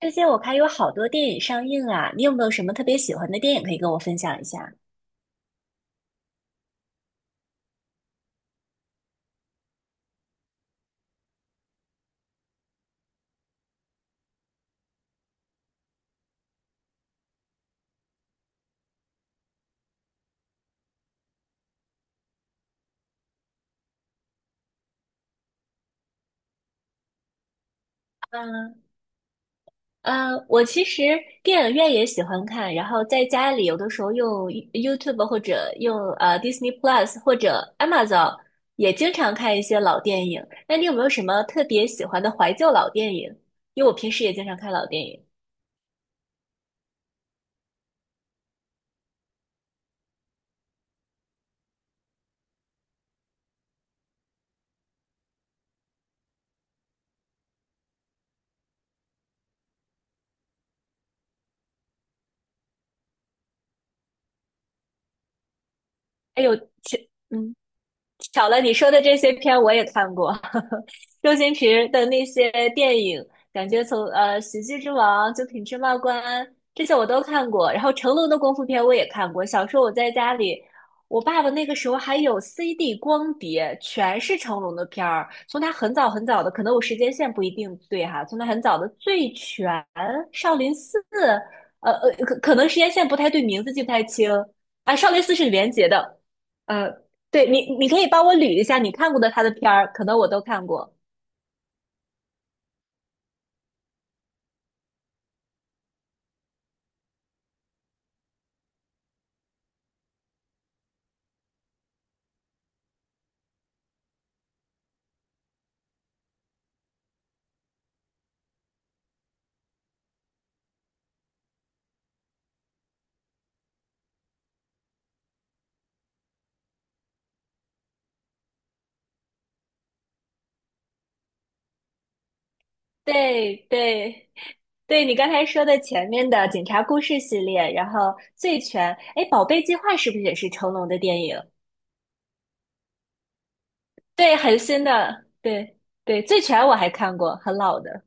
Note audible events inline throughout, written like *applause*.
最近我看有好多电影上映啊，你有没有什么特别喜欢的电影可以跟我分享一下？嗯嗯，我其实电影院也喜欢看，然后在家里有的时候用 YouTube 或者用Disney Plus 或者 Amazon 也经常看一些老电影。那你有没有什么特别喜欢的怀旧老电影？因为我平时也经常看老电影。哎呦，嗯，巧了，你说的这些片我也看过，*laughs* 周星驰的那些电影，感觉从喜剧之王》《九品芝麻官》这些我都看过，然后成龙的功夫片我也看过。小时候我在家里，我爸爸那个时候还有 CD 光碟，全是成龙的片儿，从他很早很早的，可能我时间线不一定对哈，从他很早的《醉拳》《少林寺》，可能时间线不太对，名字记不太清。啊，《少林寺》是李连杰的。嗯。对你，你可以帮我捋一下你看过的他的片儿，可能我都看过。对对对，你刚才说的前面的《警察故事》系列，然后《醉拳》，哎，《宝贝计划》是不是也是成龙的电影？对，很新的，对对，《醉拳》我还看过，很老的。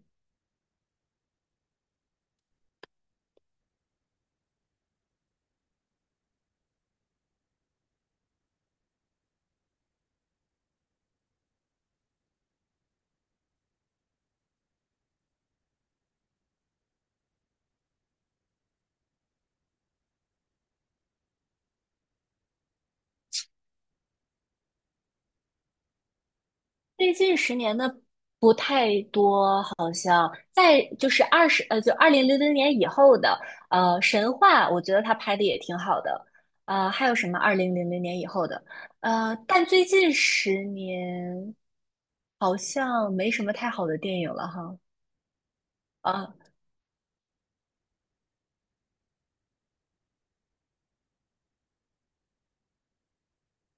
最近十年的不太多，好像在就是二十就二零零零年以后的神话，我觉得他拍的也挺好的。呃，还有什么二零零零年以后的？呃，但最近十年好像没什么太好的电影了哈。啊，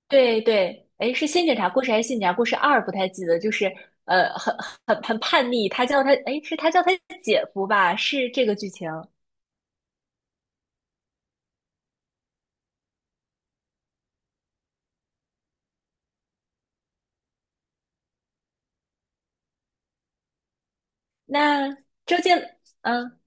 对对，哎，是《新警察故事》还是《新警察故事二》？不太记得，就是呃，很叛逆，他叫他哎，是他叫他姐夫吧？是这个剧情。那周杰，嗯。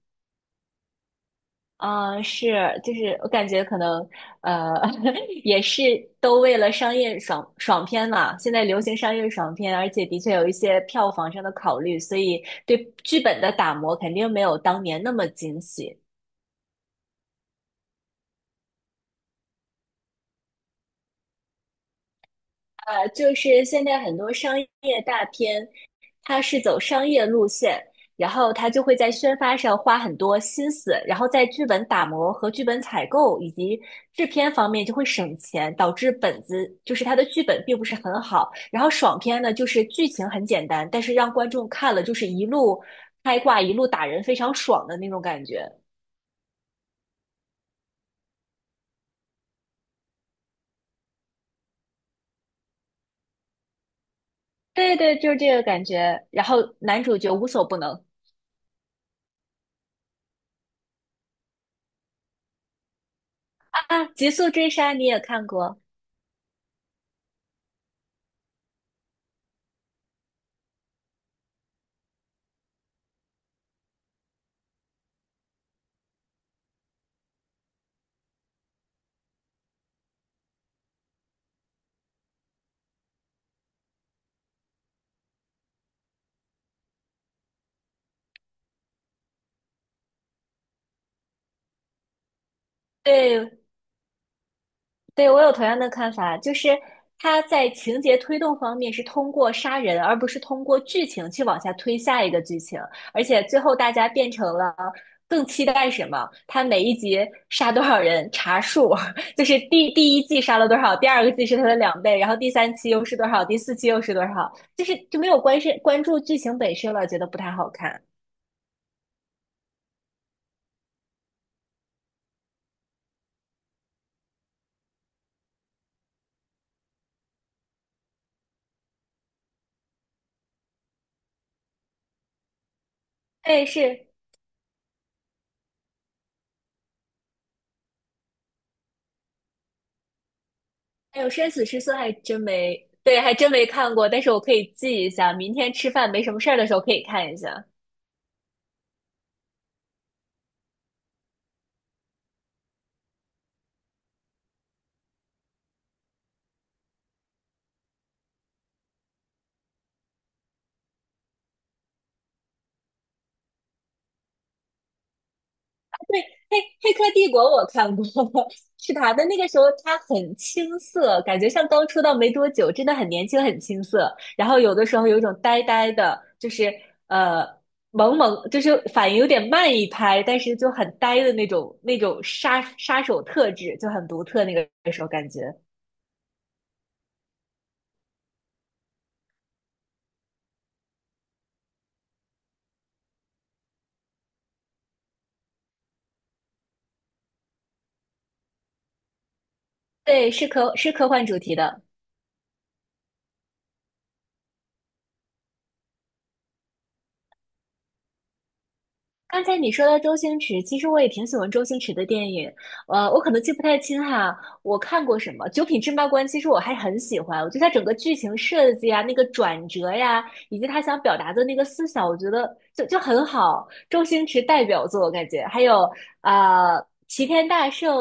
嗯，是，就是我感觉可能，呃，*laughs* 也是都为了商业爽片嘛。现在流行商业爽片，而且的确有一些票房上的考虑，所以对剧本的打磨肯定没有当年那么精细。呃，就是现在很多商业大片，它是走商业路线，然后它就会在宣发上花很多心思，然后在剧本打磨和剧本采购以及制片方面就会省钱，导致本子就是它的剧本并不是很好。然后爽片呢，就是剧情很简单，但是让观众看了就是一路开挂，一路打人，非常爽的那种感觉。对对，就是这个感觉。然后男主角无所不能啊，《极速追杀》你也看过？对，对，我有同样的看法，就是他在情节推动方面是通过杀人，而不是通过剧情去往下推下一个剧情，而且最后大家变成了更期待什么？他每一集杀多少人查数，*laughs* 就是第一季杀了多少，第二个季是他的两倍，然后第三期又是多少，第四期又是多少，就是就没有关是关注剧情本身了，觉得不太好看。哎，是哎呦，生死之色还真没，对，还真没看过，但是我可以记一下，明天吃饭没什么事儿的时候可以看一下。黑黑客帝国我看过，*laughs* 是他的那个时候他很青涩，感觉像刚出道没多久，真的很年轻很青涩。然后有的时候有一种呆呆的，就是呃萌萌，就是反应有点慢一拍，但是就很呆的那种杀手特质就很独特，那个时候感觉。对，是科幻主题的。刚才你说到周星驰，其实我也挺喜欢周星驰的电影，呃，我可能记不太清哈，我看过什么《九品芝麻官》，其实我还很喜欢，我觉得他整个剧情设计啊，那个转折呀，以及他想表达的那个思想，我觉得就很好，周星驰代表作，我感觉。还有啊，齐天大圣》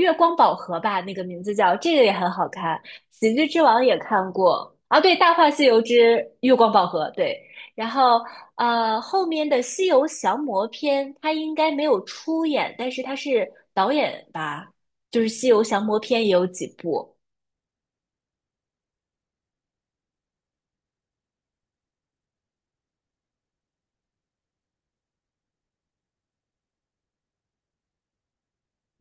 《月光宝盒》吧，那个名字叫，这个也很好看，《喜剧之王》也看过啊，对，《大话西游之月光宝盒》对。然后呃，后面的《西游降魔篇》他应该没有出演，但是他是导演吧？就是《西游降魔篇》也有几部，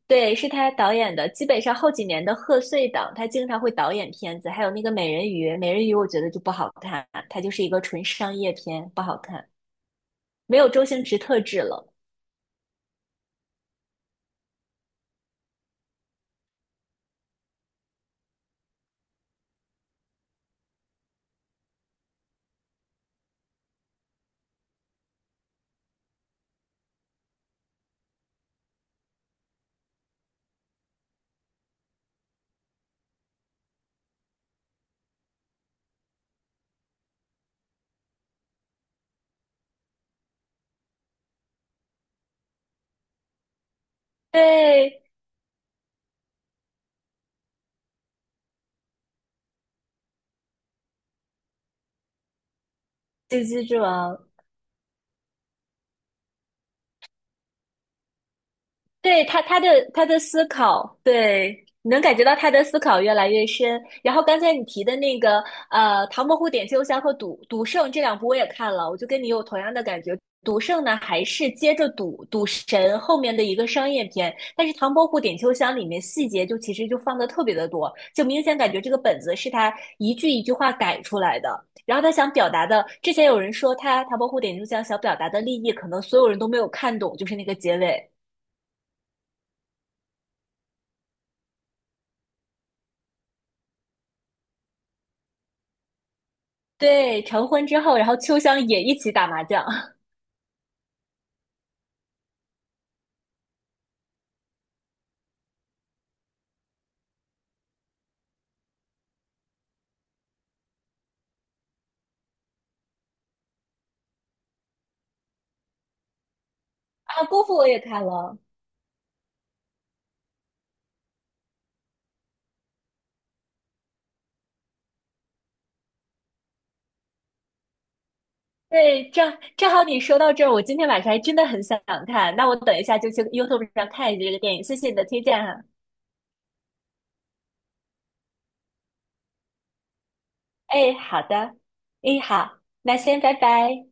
对，是他导演的。基本上后几年的贺岁档，他经常会导演片子，还有那个美人鱼《美人鱼》，我觉得就不好看，它就是一个纯商业片，不好看，没有周星驰特质了。对，《喜剧之王》对，他的他的思考，对，能感觉到他的思考越来越深。然后刚才你提的那个唐伯虎点秋香》和《赌圣》这两部我也看了，我就跟你有同样的感觉。赌圣呢，还是接着赌神后面的一个商业片，但是《唐伯虎点秋香》里面细节就其实就放的特别的多，就明显感觉这个本子是他一句一句话改出来的。然后他想表达的，之前有人说他《唐伯虎点秋香》想表达的立意，可能所有人都没有看懂，就是那个结尾。对，成婚之后，然后秋香也一起打麻将 *laughs* 啊，功夫我也看了。对，正正好你说到这儿，我今天晚上还真的很想看，那我等一下就去 YouTube 上看一下这个电影，谢谢你的推荐哈。哎，好的，哎，好，那先拜拜。